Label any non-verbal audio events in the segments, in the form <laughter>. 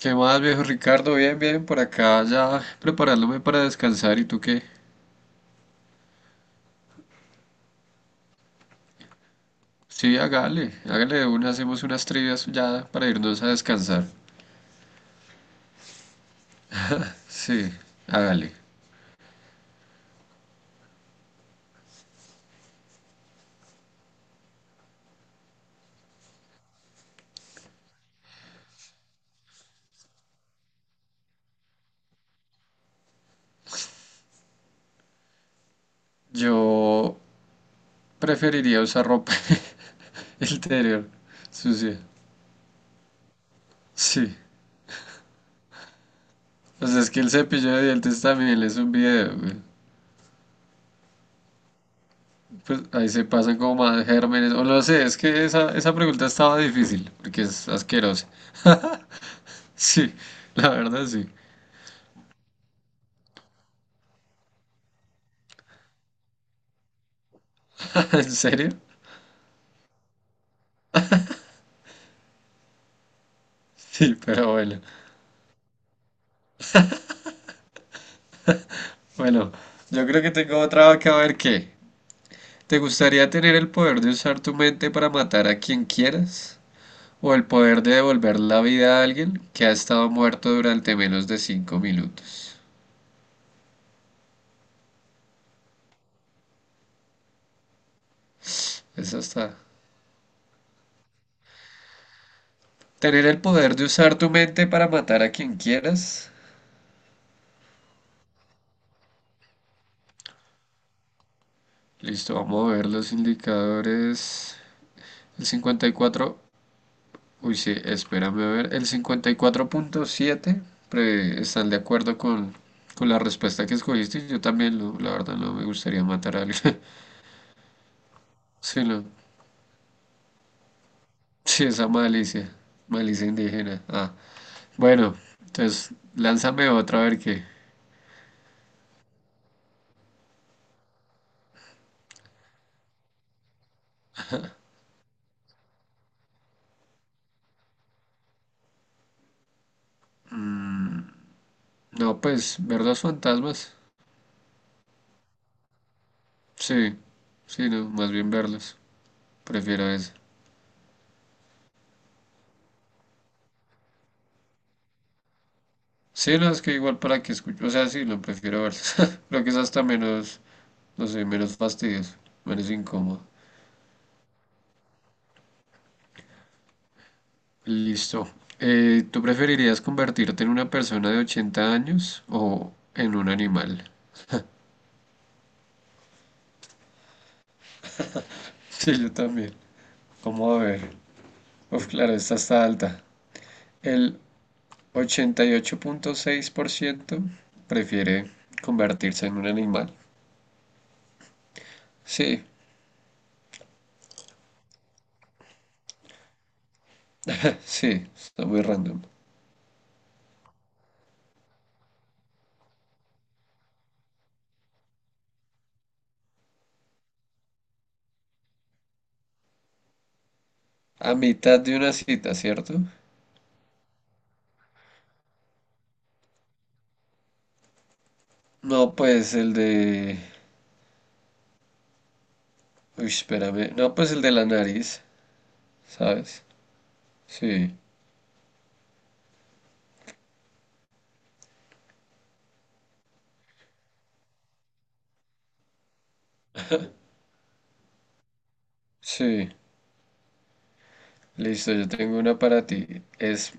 ¿Qué más, viejo Ricardo? Bien, bien, por acá ya preparándome para descansar. ¿Y tú qué? Sí, hágale, hágale de una, hacemos unas trivias ya para irnos a descansar. Sí, hágale. Yo preferiría usar ropa <laughs> interior sucia. Sí, pues es que el cepillo de dientes también es un video, güey. Pues ahí se pasan como más gérmenes, o no sé, es que esa pregunta estaba difícil, porque es asquerosa. Sí, la verdad sí. <laughs> ¿En serio? Sí, pero bueno. Bueno, yo creo que tengo otra que a ver qué. ¿Te gustaría tener el poder de usar tu mente para matar a quien quieras? ¿O el poder de devolver la vida a alguien que ha estado muerto durante menos de cinco minutos? Esa está. ¿Tener el poder de usar tu mente para matar a quien quieras? Listo, vamos a ver los indicadores. El 54. Uy, sí, espérame a ver. El 54.7 están de acuerdo con la respuesta que escogiste. Yo también, no, la verdad, no me gustaría matar a alguien. <laughs> Sí, no. Sí, esa malicia. Malicia indígena. Ah, bueno, entonces lánzame otra, a ver qué. No, pues, ver los fantasmas. Sí, sí, no, más bien verlos. Prefiero eso. Sí, no, es que igual para que escucho. O sea, sí, lo prefiero verlos. <laughs> Creo que es hasta menos, no sé, menos fastidioso, menos incómodo. Listo. ¿Tú preferirías convertirte en una persona de 80 años o en un animal? <laughs> Sí, yo también. Cómo a ver. Uf, claro, esta está alta. El ochenta y ocho punto seis por ciento prefiere convertirse en un animal. Sí, sí, está muy random. A mitad de una cita, ¿cierto? No, pues el de... Uy, espérame. No, pues el de la nariz, ¿sabes? Sí, sí. Listo, yo tengo una para ti. Es,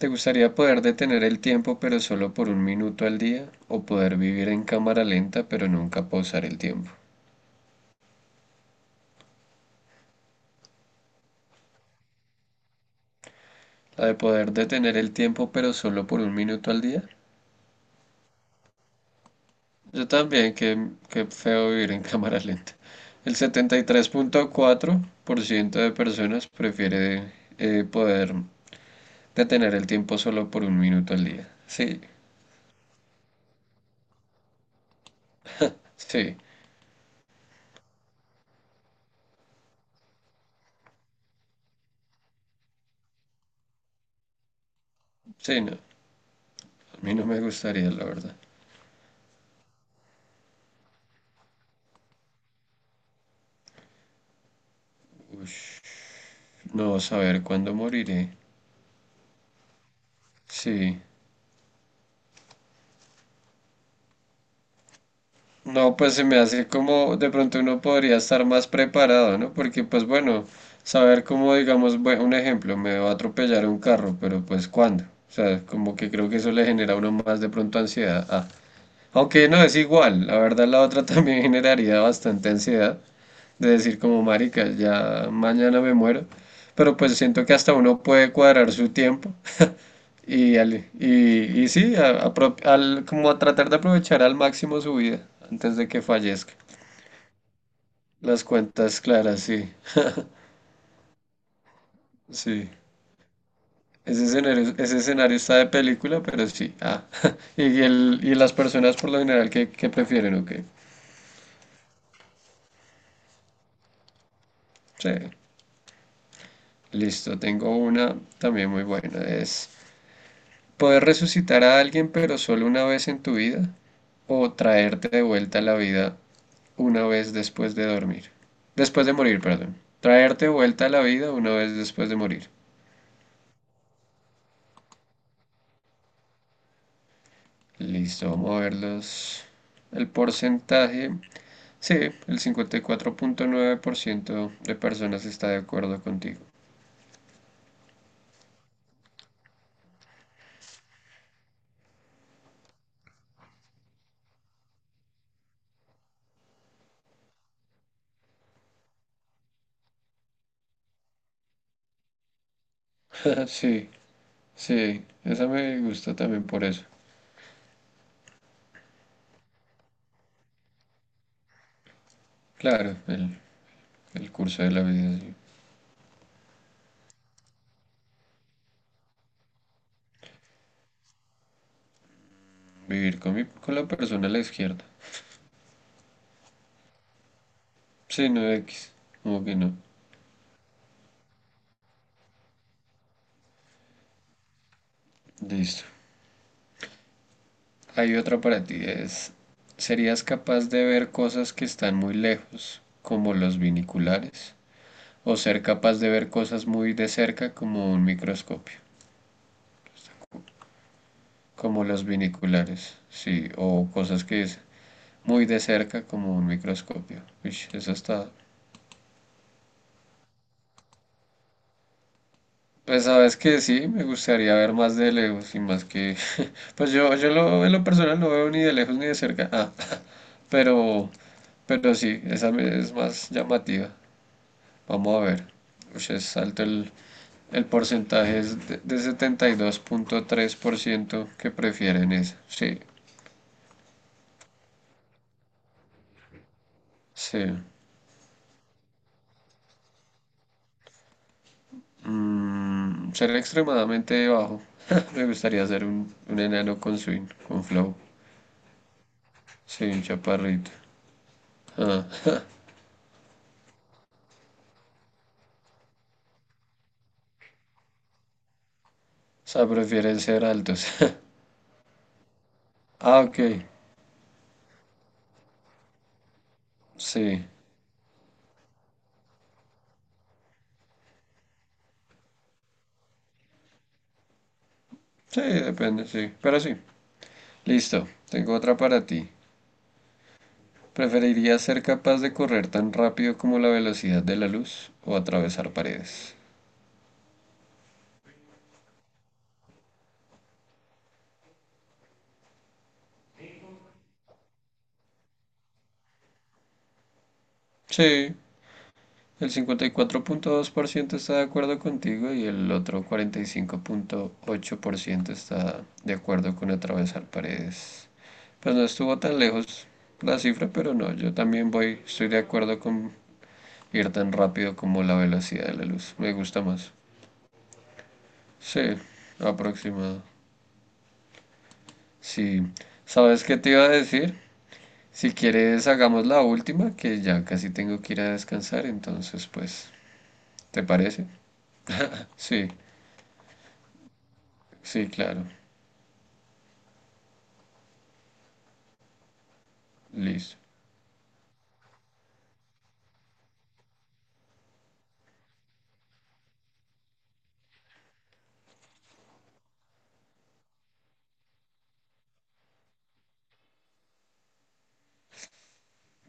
¿te gustaría poder detener el tiempo pero solo por un minuto al día? ¿O poder vivir en cámara lenta pero nunca pausar el tiempo? La de poder detener el tiempo pero solo por un minuto al día. Yo también, qué feo vivir en <laughs> cámara lenta. El setenta y tres punto cuatro por ciento de personas prefiere poder detener el tiempo solo por un minuto al día. Sí, sí, sí, no. A mí no me gustaría, la verdad. No saber cuándo moriré. Sí. No, pues se me hace como de pronto uno podría estar más preparado, ¿no? Porque pues bueno, saber cómo, digamos, un ejemplo, me va a atropellar un carro, pero pues ¿cuándo? O sea, como que creo que eso le genera a uno más de pronto ansiedad. Ah, aunque no es igual, la verdad la otra <laughs> también generaría bastante ansiedad de decir como marica, ya mañana me muero, pero pues siento que hasta uno puede cuadrar su tiempo. <laughs> Y sí, como a tratar de aprovechar al máximo su vida antes de que fallezca. Las cuentas claras, sí, sí. Ese escenario está de película, pero sí. Ah, <laughs> y, y las personas por lo general que prefieren, ok. Sí, listo, tengo una también muy buena. Es, poder resucitar a alguien, pero solo una vez en tu vida, o traerte de vuelta a la vida una vez después de dormir. Después de morir, perdón. Traerte de vuelta a la vida una vez después de morir. Listo, vamos a ver los... El porcentaje. Sí, el 54.9% de personas está de acuerdo contigo. <laughs> Sí, sí, esa me gusta también por eso. Claro, el curso de la vida, sí. Vivir con, con la persona a la izquierda. Sí, no X. Como que no. Listo. Hay otra para ti. Es, ¿serías capaz de ver cosas que están muy lejos, como los viniculares? ¿O ser capaz de ver cosas muy de cerca, como un microscopio? Como los viniculares, sí. O cosas que es muy de cerca, como un microscopio. Uy, eso está... Pues sabes que sí, me gustaría ver más de lejos y más que... <laughs> pues yo, en lo personal no veo ni de lejos ni de cerca. Ah, <laughs> pero, pero sí, es más llamativa. Vamos a ver. Ush, es alto el porcentaje, es de setenta y dos punto tres por ciento que prefieren esa. Sí, sí. Mm, ser extremadamente bajo. <laughs> Me gustaría ser un enano con swing, con flow. Sí, un chaparrito. <laughs> O sea, prefieren ser altos. <laughs> Ah, ok. Sí. Sí, depende, sí. Pero sí. Listo. Tengo otra para ti. ¿Preferirías ser capaz de correr tan rápido como la velocidad de la luz o atravesar paredes? Sí. El 54.2% está de acuerdo contigo y el otro 45.8% está de acuerdo con atravesar paredes. Pues no estuvo tan lejos la cifra, pero no, yo también voy, estoy de acuerdo con ir tan rápido como la velocidad de la luz. Me gusta más. Sí, aproximado. Sí. ¿Sabes qué te iba a decir? Si quieres, hagamos la última, que ya casi tengo que ir a descansar, entonces, pues, ¿te parece? Sí, sí, claro. Listo.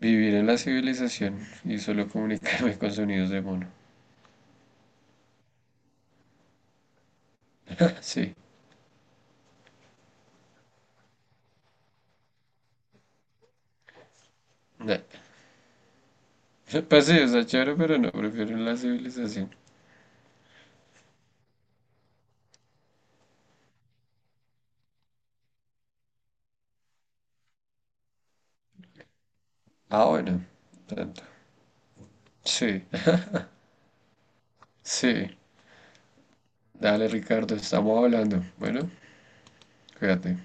Vivir en la civilización y solo comunicarme con sonidos de mono. <laughs> Sí. Nah. Pues sí, está chévere, pero no, prefiero en la civilización. Ah, bueno, tanto. Sí, <laughs> sí. Dale, Ricardo, estamos hablando. Bueno. Fíjate.